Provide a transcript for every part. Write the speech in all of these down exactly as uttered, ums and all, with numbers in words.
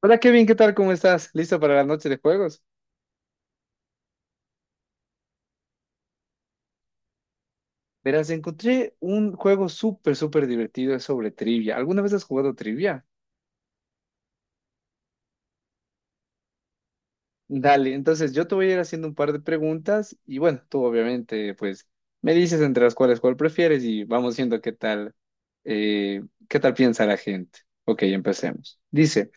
Hola Kevin, ¿qué tal? ¿Cómo estás? ¿Listo para la noche de juegos? Verás, encontré un juego súper, súper divertido, es sobre trivia. ¿Alguna vez has jugado trivia? Dale, entonces yo te voy a ir haciendo un par de preguntas y bueno, tú obviamente pues me dices entre las cuales cuál prefieres y vamos viendo qué tal, eh, qué tal piensa la gente. Ok, empecemos. Dice,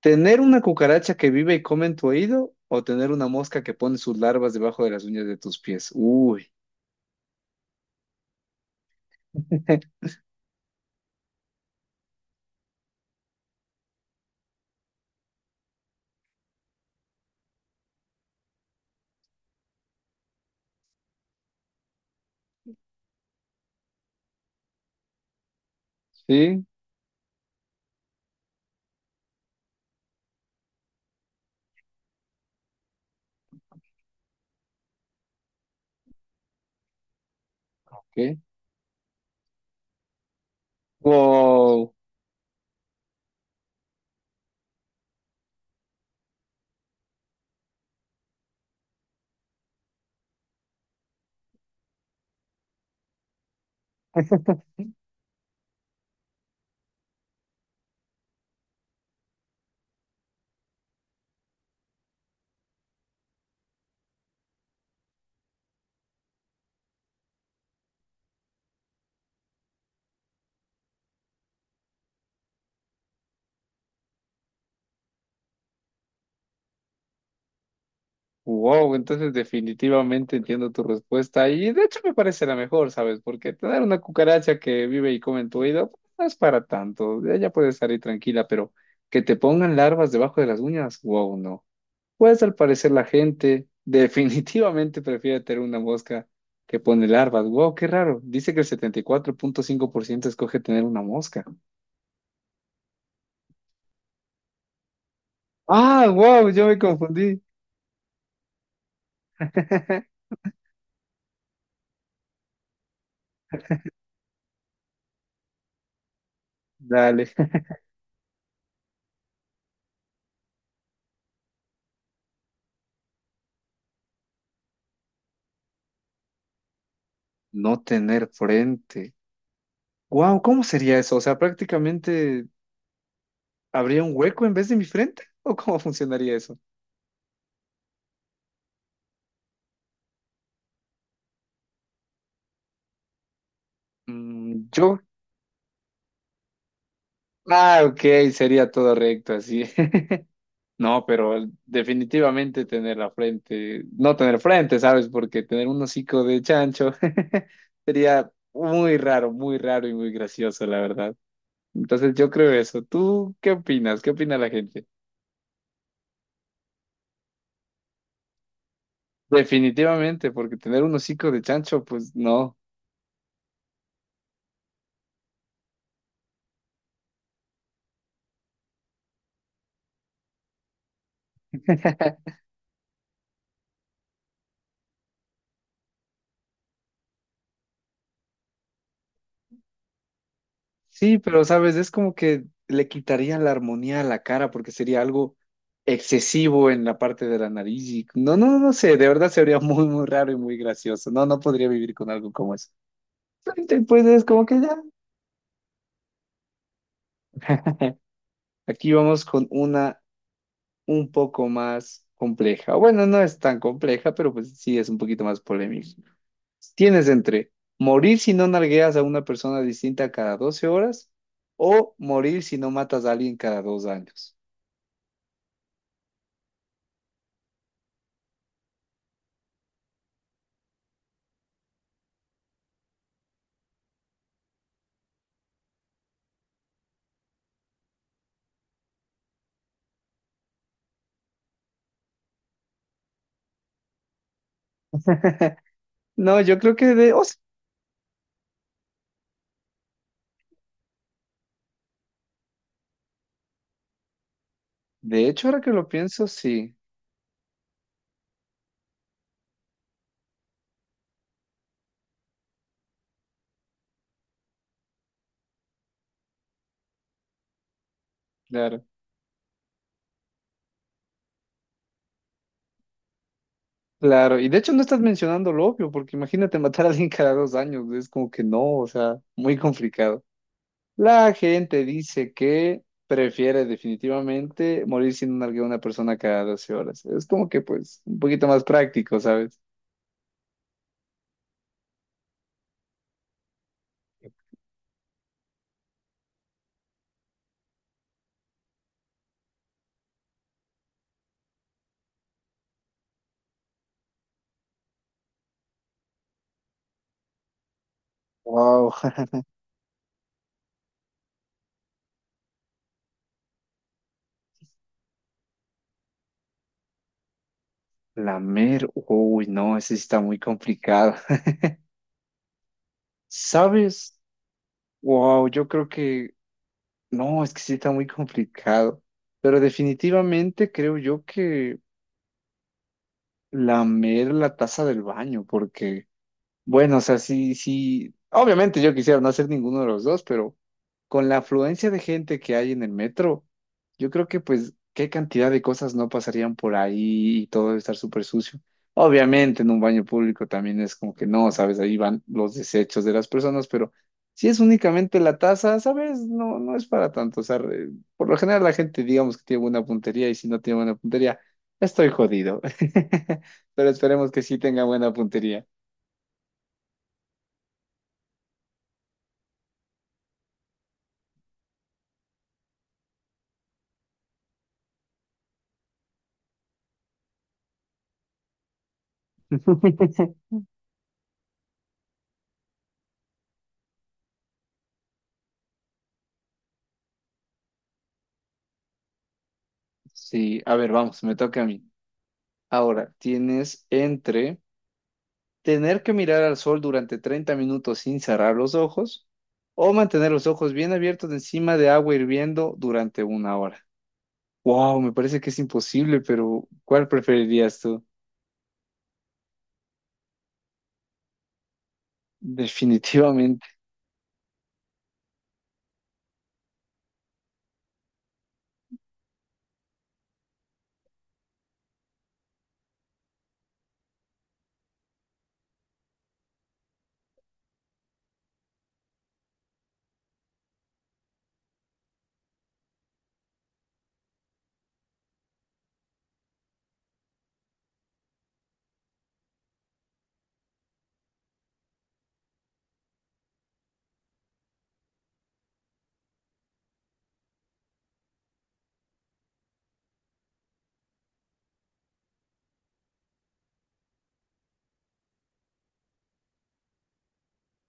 ¿tener una cucaracha que vive y come en tu oído o tener una mosca que pone sus larvas debajo de las uñas de tus pies? Uy, sí, ok. Wow. Wow, entonces definitivamente entiendo tu respuesta y de hecho me parece la mejor, ¿sabes? Porque tener una cucaracha que vive y come en tu oído pues, no es para tanto, ella puede estar ahí tranquila, pero que te pongan larvas debajo de las uñas, wow, no. Pues al parecer la gente definitivamente prefiere tener una mosca que pone larvas, wow, qué raro. Dice que el setenta y cuatro punto cinco por ciento escoge tener una mosca. Ah, wow, yo me confundí. Dale, no tener frente. Wow, ¿cómo sería eso? O sea, prácticamente habría un hueco en vez de mi frente, ¿o cómo funcionaría eso? Mm, yo, ah, ok, sería todo recto así. No, pero definitivamente tener la frente, no tener frente, ¿sabes? Porque tener un hocico de chancho sería muy raro, muy raro y muy gracioso, la verdad. Entonces yo creo eso. ¿Tú qué opinas? ¿Qué opina la gente? Definitivamente, porque tener un hocico de chancho, pues no. Sí, pero sabes, es como que le quitaría la armonía a la cara porque sería algo excesivo en la parte de la nariz. Y- no, no, no sé, de verdad sería muy, muy raro y muy gracioso. No, no podría vivir con algo como eso. Pues es como que ya. Aquí vamos con una un poco más compleja. Bueno, no es tan compleja, pero pues sí es un poquito más polémica. Tienes entre morir si no nargueas a una persona distinta cada doce horas o morir si no matas a alguien cada dos años. No, yo creo que de, o sea, de hecho, ahora que lo pienso, sí, claro, claro. Y de hecho no estás mencionando lo obvio, porque imagínate matar a alguien cada dos años, es como que no, o sea, muy complicado. La gente dice que prefiere definitivamente morir sin un nalgue a una persona cada doce horas. Es como que pues un poquito más práctico, ¿sabes? Wow, lamer, uy, no, ese sí está muy complicado. ¿Sabes? Wow, yo creo que no, es que sí está muy complicado. Pero definitivamente creo yo que lamer la taza del baño, porque bueno, o sea, sí, sí, obviamente yo quisiera no hacer ninguno de los dos, pero con la afluencia de gente que hay en el metro, yo creo que pues qué cantidad de cosas no pasarían por ahí y todo debe estar súper sucio. Obviamente en un baño público también es como que no, sabes, ahí van los desechos de las personas, pero si es únicamente la taza, sabes, no, no es para tanto. O sea, re- por lo general la gente digamos que tiene buena puntería y si no tiene buena puntería, estoy jodido. Pero esperemos que sí tenga buena puntería. Sí, a ver, vamos, me toca a mí. Ahora, tienes entre tener que mirar al sol durante treinta minutos sin cerrar los ojos o mantener los ojos bien abiertos encima de agua hirviendo durante una hora. Wow, me parece que es imposible, pero ¿cuál preferirías tú? Definitivamente.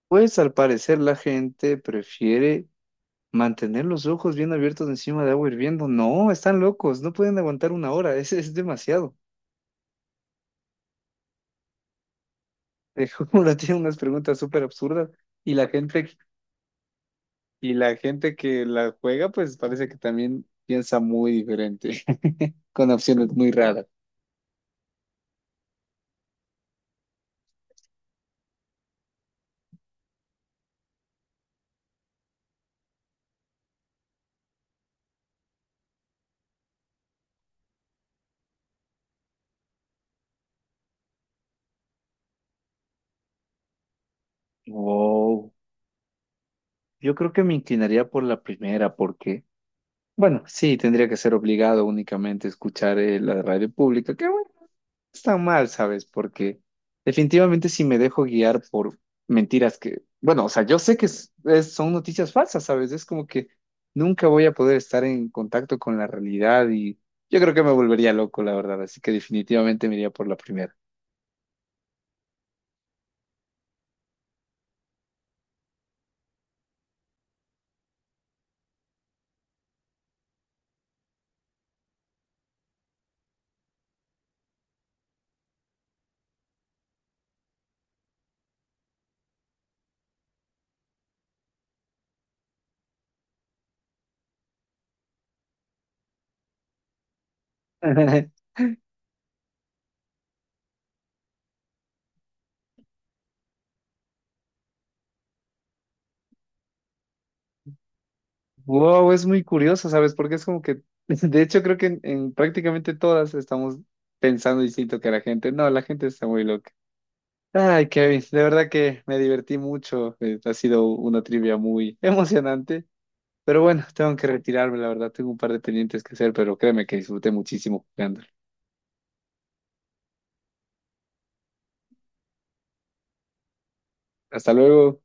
Pues al parecer la gente prefiere mantener los ojos bien abiertos encima de agua hirviendo. No, están locos, no pueden aguantar una hora, es, es demasiado. Como la tiene unas preguntas súper absurdas y la gente. Y la gente que la juega, pues parece que también piensa muy diferente, con opciones muy raras. Wow. Yo creo que me inclinaría por la primera porque, bueno, sí, tendría que ser obligado únicamente a escuchar eh, la radio pública, que está mal, ¿sabes? Porque definitivamente si me dejo guiar por mentiras que, bueno, o sea, yo sé que es- es- son noticias falsas, ¿sabes? Es como que nunca voy a poder estar en contacto con la realidad y yo creo que me volvería loco, la verdad, así que definitivamente me iría por la primera. Wow, es muy curioso, ¿sabes? Porque es como que, de hecho, creo que en, en prácticamente todas estamos pensando distinto que la gente. No, la gente está muy loca. Ay, Kevin, de verdad que me divertí mucho. Eh, ha sido una trivia muy emocionante. Pero bueno, tengo que retirarme, la verdad. Tengo un par de pendientes que hacer, pero créeme que disfruté muchísimo jugando. Hasta luego.